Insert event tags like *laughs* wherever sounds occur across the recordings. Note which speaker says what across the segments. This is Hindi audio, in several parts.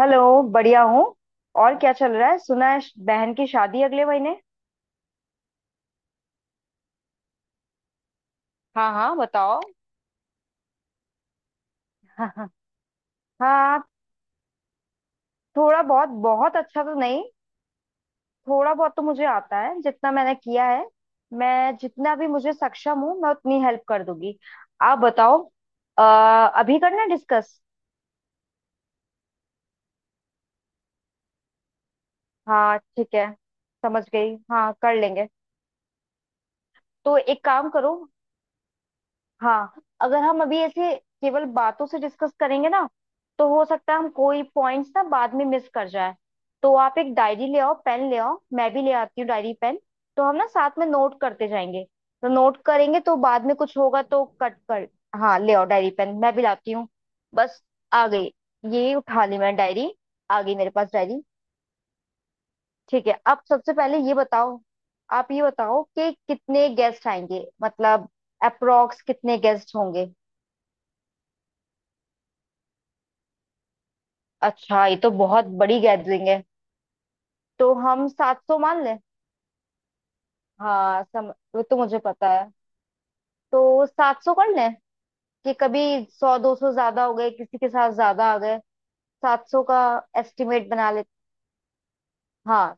Speaker 1: हेलो बढ़िया हूँ। और क्या चल रहा है? सुना है बहन की शादी अगले महीने। हाँ हाँ, बताओ। *laughs* हाँ हाँ। हाँ, थोड़ा बहुत बहुत अच्छा तो नहीं। थोड़ा बहुत तो मुझे आता है जितना मैंने किया है। मैं जितना भी मुझे सक्षम हूँ मैं उतनी हेल्प कर दूंगी। आप बताओ। अभी करना डिस्कस? हाँ ठीक है। समझ गई, हाँ कर लेंगे। तो एक काम करो। हाँ। अगर हम अभी ऐसे केवल बातों से डिस्कस करेंगे ना, तो हो सकता है हम कोई पॉइंट्स ना बाद में मिस कर जाए। तो आप एक डायरी ले आओ, पेन ले आओ, मैं भी ले आती हूँ डायरी पेन। तो हम ना साथ में नोट करते जाएंगे। तो नोट करेंगे तो बाद में कुछ होगा तो कट कर। हाँ ले आओ डायरी पेन, मैं भी लाती हूँ। बस। आ गई। ये उठा ली मैंने डायरी। आ गई मेरे पास डायरी। ठीक है, अब सबसे पहले ये बताओ। आप ये बताओ कि कितने गेस्ट आएंगे, मतलब अप्रोक्स कितने गेस्ट होंगे? अच्छा ये तो बहुत बड़ी गैदरिंग है। तो हम 700 मान लें। हाँ सम वो तो मुझे पता है। तो 700 कर लें, कि कभी 100-200 ज्यादा हो गए, किसी के साथ ज्यादा आ गए, 700 का एस्टिमेट बना ले। हाँ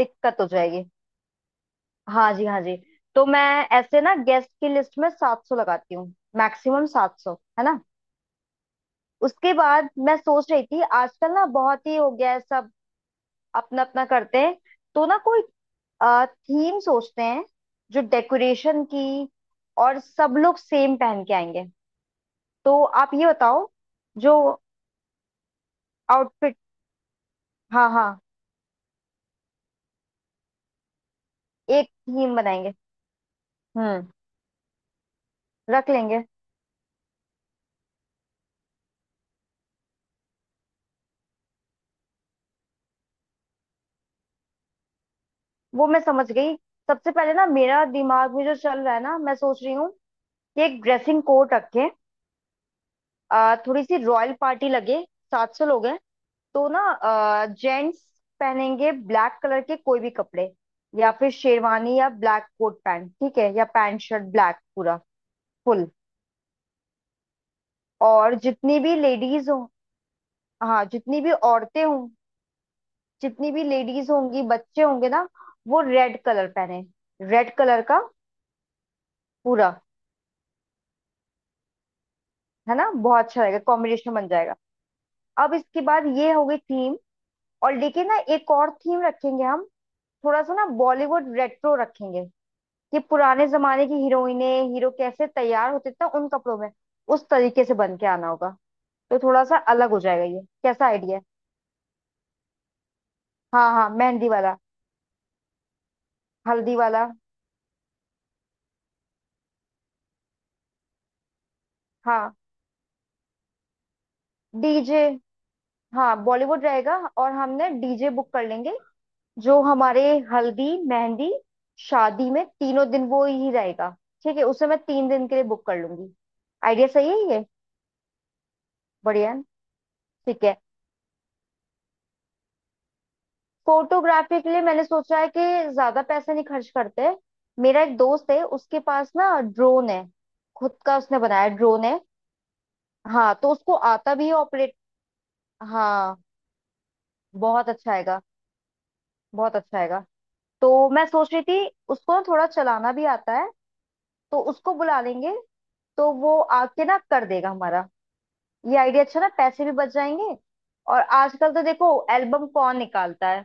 Speaker 1: दिक्कत हो जाएगी। हाँ जी हाँ जी। तो मैं ऐसे ना गेस्ट की लिस्ट में 700 लगाती हूँ, मैक्सिमम 700। है ना? उसके बाद मैं सोच रही थी, आजकल ना बहुत ही हो गया है, सब अपना अपना करते हैं। तो ना कोई थीम सोचते हैं जो डेकोरेशन की, और सब लोग सेम पहन के आएंगे। तो आप ये बताओ। जो आउटफिट। हाँ हाँ, एक थीम बनाएंगे। हम्म। रख लेंगे। वो मैं समझ गई। सबसे पहले ना मेरा दिमाग में जो चल रहा है ना, मैं सोच रही हूँ कि एक ड्रेसिंग कोड रखें। थोड़ी सी रॉयल पार्टी लगे। सात सौ लोग हैं तो ना जेंट्स पहनेंगे ब्लैक कलर के कोई भी कपड़े। या फिर शेरवानी या ब्लैक कोट पैंट ठीक है, या पैंट शर्ट ब्लैक पूरा फुल। और जितनी भी लेडीज हो। हाँ जितनी भी औरतें हों, जितनी भी लेडीज होंगी बच्चे होंगे ना, वो रेड कलर पहने। रेड कलर का पूरा। है ना? बहुत अच्छा रहेगा, कॉम्बिनेशन बन जाएगा। अब इसके बाद ये हो गई थीम। और लेकिन ना एक और थीम रखेंगे हम, थोड़ा सा ना बॉलीवुड रेट्रो रखेंगे। कि पुराने जमाने की हीरोइने हीरो कैसे तैयार होते थे उन कपड़ों में, उस तरीके से बन के आना होगा। तो थोड़ा सा अलग हो जाएगा। ये कैसा आइडिया है? हाँ हाँ, मेहंदी वाला। हल्दी वाला। हाँ। डीजे। हाँ बॉलीवुड रहेगा, और हमने डीजे बुक कर लेंगे। जो हमारे हल्दी मेहंदी शादी में तीनों दिन वो ही रहेगा। ठीक है, उसे मैं 3 दिन के लिए बुक कर लूंगी। आइडिया सही है ये। बढ़िया है। ठीक है। फोटोग्राफी के लिए मैंने सोचा है कि ज्यादा पैसे नहीं खर्च करते। मेरा एक दोस्त है, उसके पास ना ड्रोन है, खुद का उसने बनाया ड्रोन है। हाँ तो उसको आता भी है ऑपरेट। हाँ बहुत अच्छा आएगा। बहुत अच्छा आएगा। तो मैं सोच रही थी, उसको ना थोड़ा चलाना भी आता है, तो उसको बुला लेंगे। तो वो आके ना कर देगा हमारा। ये आइडिया अच्छा ना, पैसे भी बच जाएंगे। और आजकल तो देखो एल्बम कौन निकालता है,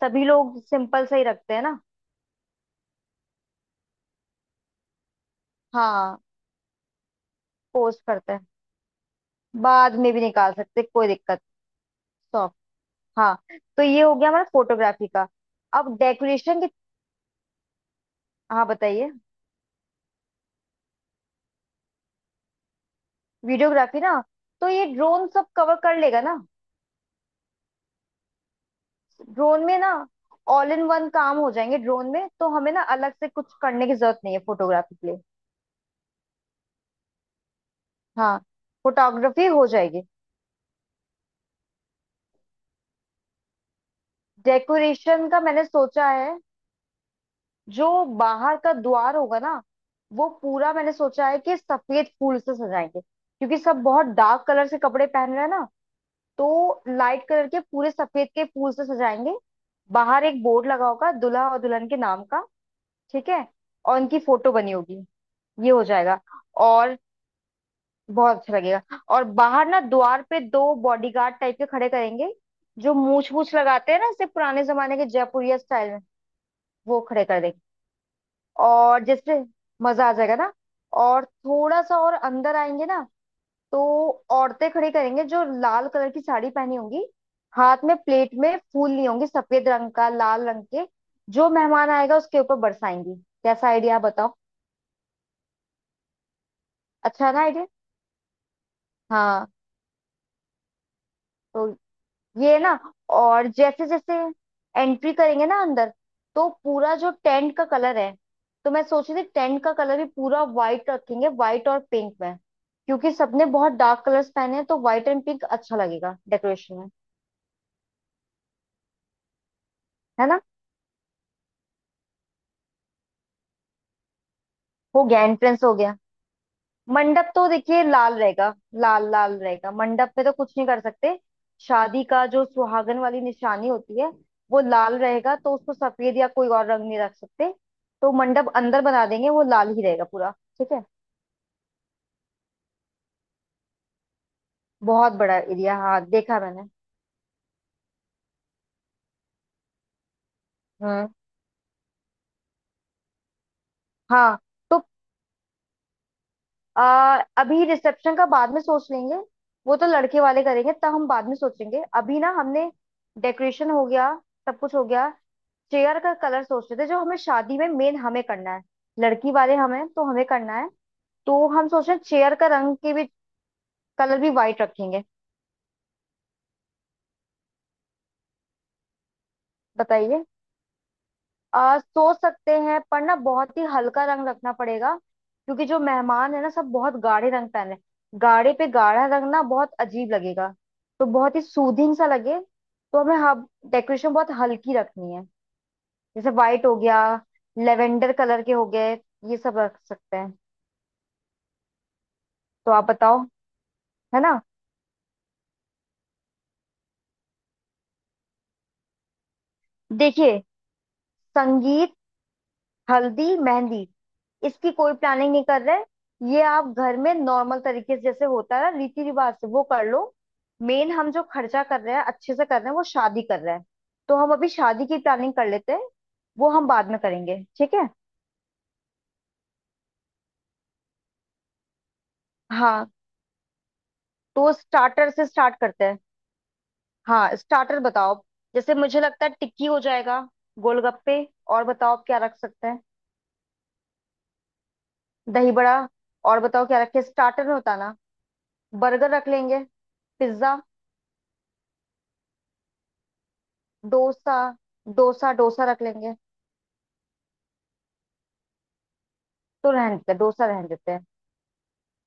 Speaker 1: सभी लोग सिंपल से ही रखते हैं ना। हाँ पोस्ट करते हैं, बाद में भी निकाल सकते, कोई दिक्कत। सॉफ्ट। हाँ। तो ये हो गया हमारा फोटोग्राफी का। अब डेकोरेशन की। हाँ बताइए। वीडियोग्राफी ना, तो ये ड्रोन सब कवर कर लेगा ना। ड्रोन में ना ऑल इन वन काम हो जाएंगे। ड्रोन में तो हमें ना अलग से कुछ करने की जरूरत नहीं है फोटोग्राफी के लिए। हाँ। फोटोग्राफी हो जाएगी। डेकोरेशन का मैंने सोचा है, जो बाहर का द्वार होगा ना वो पूरा, मैंने सोचा है कि सफेद फूल से सजाएंगे, क्योंकि सब बहुत डार्क कलर से कपड़े पहन रहे हैं ना। तो लाइट कलर के पूरे सफेद के फूल से सजाएंगे। बाहर एक बोर्ड लगा होगा दूल्हा और दुल्हन के नाम का। ठीक है। और उनकी फोटो बनी होगी। ये हो जाएगा। और बहुत अच्छा लगेगा। और बाहर ना द्वार पे दो बॉडीगार्ड टाइप के खड़े करेंगे, जो मूछ मूछ लगाते हैं ना, जैसे पुराने जमाने के जयपुरिया स्टाइल में। वो खड़े कर देंगे। और जैसे मजा आ जाएगा ना। और थोड़ा सा और अंदर आएंगे ना, तो औरतें खड़ी करेंगे जो लाल कलर की साड़ी पहनी होंगी, हाथ में प्लेट में फूल ली होंगी सफेद रंग का लाल रंग के। जो मेहमान आएगा उसके ऊपर बरसाएंगी। कैसा आइडिया बताओ? अच्छा है ना आइडिया? हाँ। तो ये ना, और जैसे जैसे एंट्री करेंगे ना अंदर, तो पूरा जो टेंट का कलर है, तो मैं सोच रही थी टेंट का कलर भी पूरा व्हाइट रखेंगे, व्हाइट और पिंक में। क्योंकि सबने बहुत डार्क कलर्स पहने हैं, तो व्हाइट एंड पिंक अच्छा लगेगा डेकोरेशन में। है ना? हो गया, एंट्रेंस हो गया। मंडप तो देखिए लाल रहेगा। लाल लाल रहेगा मंडप पे, तो कुछ नहीं कर सकते। शादी का जो सुहागन वाली निशानी होती है वो लाल रहेगा, तो उसको सफेद या कोई और रंग नहीं रख सकते। तो मंडप अंदर बना देंगे, वो लाल ही रहेगा पूरा। ठीक है। बहुत बड़ा एरिया, हाँ देखा मैंने। हम्म। हाँ। तो अभी रिसेप्शन का बाद में सोच लेंगे। वो तो लड़के वाले करेंगे, तब हम बाद में सोचेंगे। अभी ना हमने डेकोरेशन हो गया, सब कुछ हो गया। चेयर का कलर सोच रहे थे, जो हमें शादी में मेन हमें करना है, लड़की वाले हमें, तो हमें करना है। तो हम सोच रहे हैं चेयर का रंग की भी कलर भी वाइट रखेंगे। बताइए। आ सोच सकते हैं, पर ना बहुत ही हल्का रंग रखना पड़ेगा क्योंकि जो मेहमान है ना सब बहुत गाढ़े रंग पहने। गाढ़े पे गाढ़ा रंग ना बहुत अजीब लगेगा, तो बहुत ही सूदिंग सा लगे। तो हमें हाँ डेकोरेशन बहुत हल्की रखनी है। जैसे वाइट हो गया, लेवेंडर कलर के हो गए, ये सब रख सकते हैं। तो आप बताओ। है ना? देखिए, संगीत हल्दी मेहंदी इसकी कोई प्लानिंग नहीं कर रहे। ये आप घर में नॉर्मल तरीके से जैसे होता है ना रीति रिवाज से वो कर लो। मेन हम जो खर्चा कर रहे हैं अच्छे से कर रहे हैं, वो शादी कर रहे हैं। तो हम अभी शादी की प्लानिंग कर लेते हैं, वो हम बाद में करेंगे, ठीक है। हाँ। तो स्टार्टर से स्टार्ट करते हैं। हाँ स्टार्टर बताओ। जैसे मुझे लगता है टिक्की हो जाएगा, गोलगप्पे। और बताओ आप क्या रख सकते हैं? दही बड़ा। और बताओ क्या रखे, स्टार्टर में होता ना। बर्गर रख लेंगे, पिज्जा। डोसा। डोसा डोसा रख लेंगे। तो रहने देते हैं, डोसा रहने देते हैं।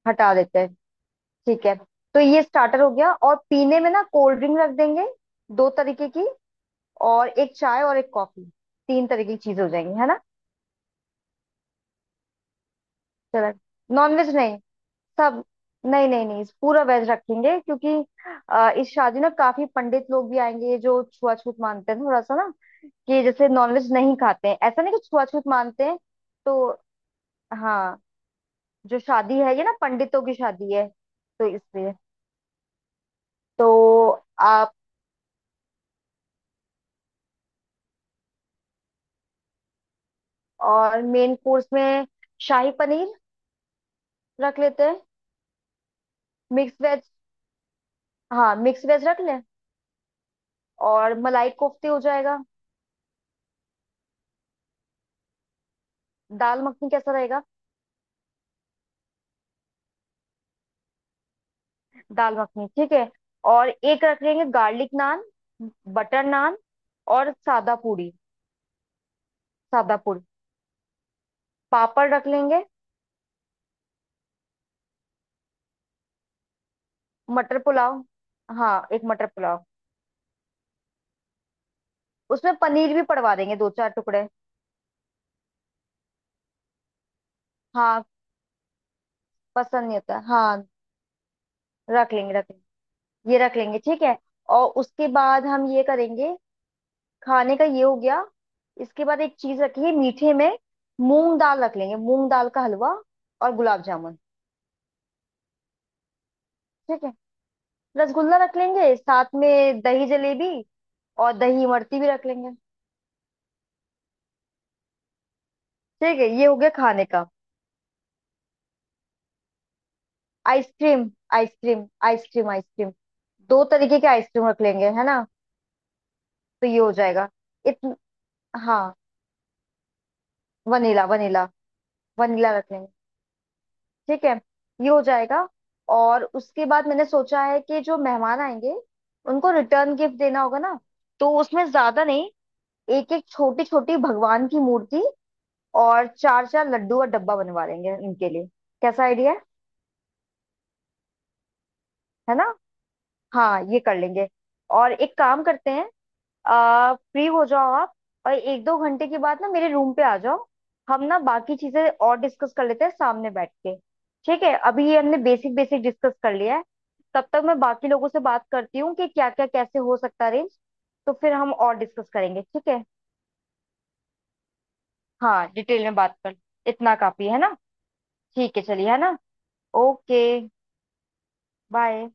Speaker 1: हटा देते हैं। ठीक है। तो ये स्टार्टर हो गया, और पीने में ना कोल्ड ड्रिंक रख देंगे, दो तरीके की। और एक चाय और एक कॉफी, तीन तरीके की चीजें हो जाएंगी। है ना? चलो। नॉनवेज नहीं। सब। नहीं नहीं नहीं, पूरा वेज रखेंगे क्योंकि इस शादी ना काफी पंडित लोग भी आएंगे जो छुआछूत मानते हैं थोड़ा सा ना। कि जैसे नॉनवेज नहीं खाते हैं, ऐसा नहीं कि छुआछूत मानते हैं। तो। हाँ। जो शादी है ये ना, पंडितों की शादी है, तो इसलिए। तो आप। और मेन कोर्स में शाही पनीर रख लेते हैं। Mix veg. हाँ मिक्स वेज रख लें। और मलाई कोफ्ते हो जाएगा। दाल मखनी कैसा रहेगा? दाल मखनी ठीक है। और एक रख लेंगे गार्लिक नान, बटर नान, और सादा पूरी। सादा पूरी पापड़ रख लेंगे। मटर पुलाव, हाँ एक मटर पुलाव। उसमें पनीर भी पड़वा देंगे दो चार टुकड़े। हाँ पसंद नहीं होता, हाँ। रख लेंगे रख, ये रख लेंगे, ठीक है। और उसके बाद हम ये करेंगे। खाने का ये हो गया। इसके बाद एक चीज रखिए मीठे में, मूंग दाल रख लेंगे, मूंग दाल का हलवा और गुलाब जामुन। ठीक है। रसगुल्ला रख लेंगे, साथ में दही जलेबी, और दही इमरती भी रख लेंगे। ठीक है, ये हो गया खाने का। Ice cream ice cream ice cream ice cream. दो तरीके के आइसक्रीम रख लेंगे, है ना? तो ये हो जाएगा। इतन। हाँ वनीला, वनीला। वनीला रख लेंगे। ठीक है। ये हो जाएगा। और उसके बाद मैंने सोचा है कि जो मेहमान आएंगे उनको रिटर्न गिफ्ट देना होगा ना, तो उसमें ज्यादा नहीं। एक एक छोटी छोटी भगवान की मूर्ति और चार चार लड्डू और डब्बा बनवा लेंगे उनके लिए। कैसा आइडिया है? है ना? हाँ ये कर लेंगे। और एक काम करते हैं, फ्री हो जाओ आप, और एक दो घंटे के बाद ना मेरे रूम पे आ जाओ। हम ना बाकी चीजें और डिस्कस कर लेते हैं सामने बैठ के। ठीक है, अभी ये हमने बेसिक बेसिक डिस्कस कर लिया है। तब तक मैं बाकी लोगों से बात करती हूँ कि क्या क्या कैसे हो सकता है अरेंज। तो फिर हम और डिस्कस करेंगे, ठीक है? हाँ डिटेल में बात कर, इतना काफी है ना? ठीक है, चलिए, है ना? ओके। बाय।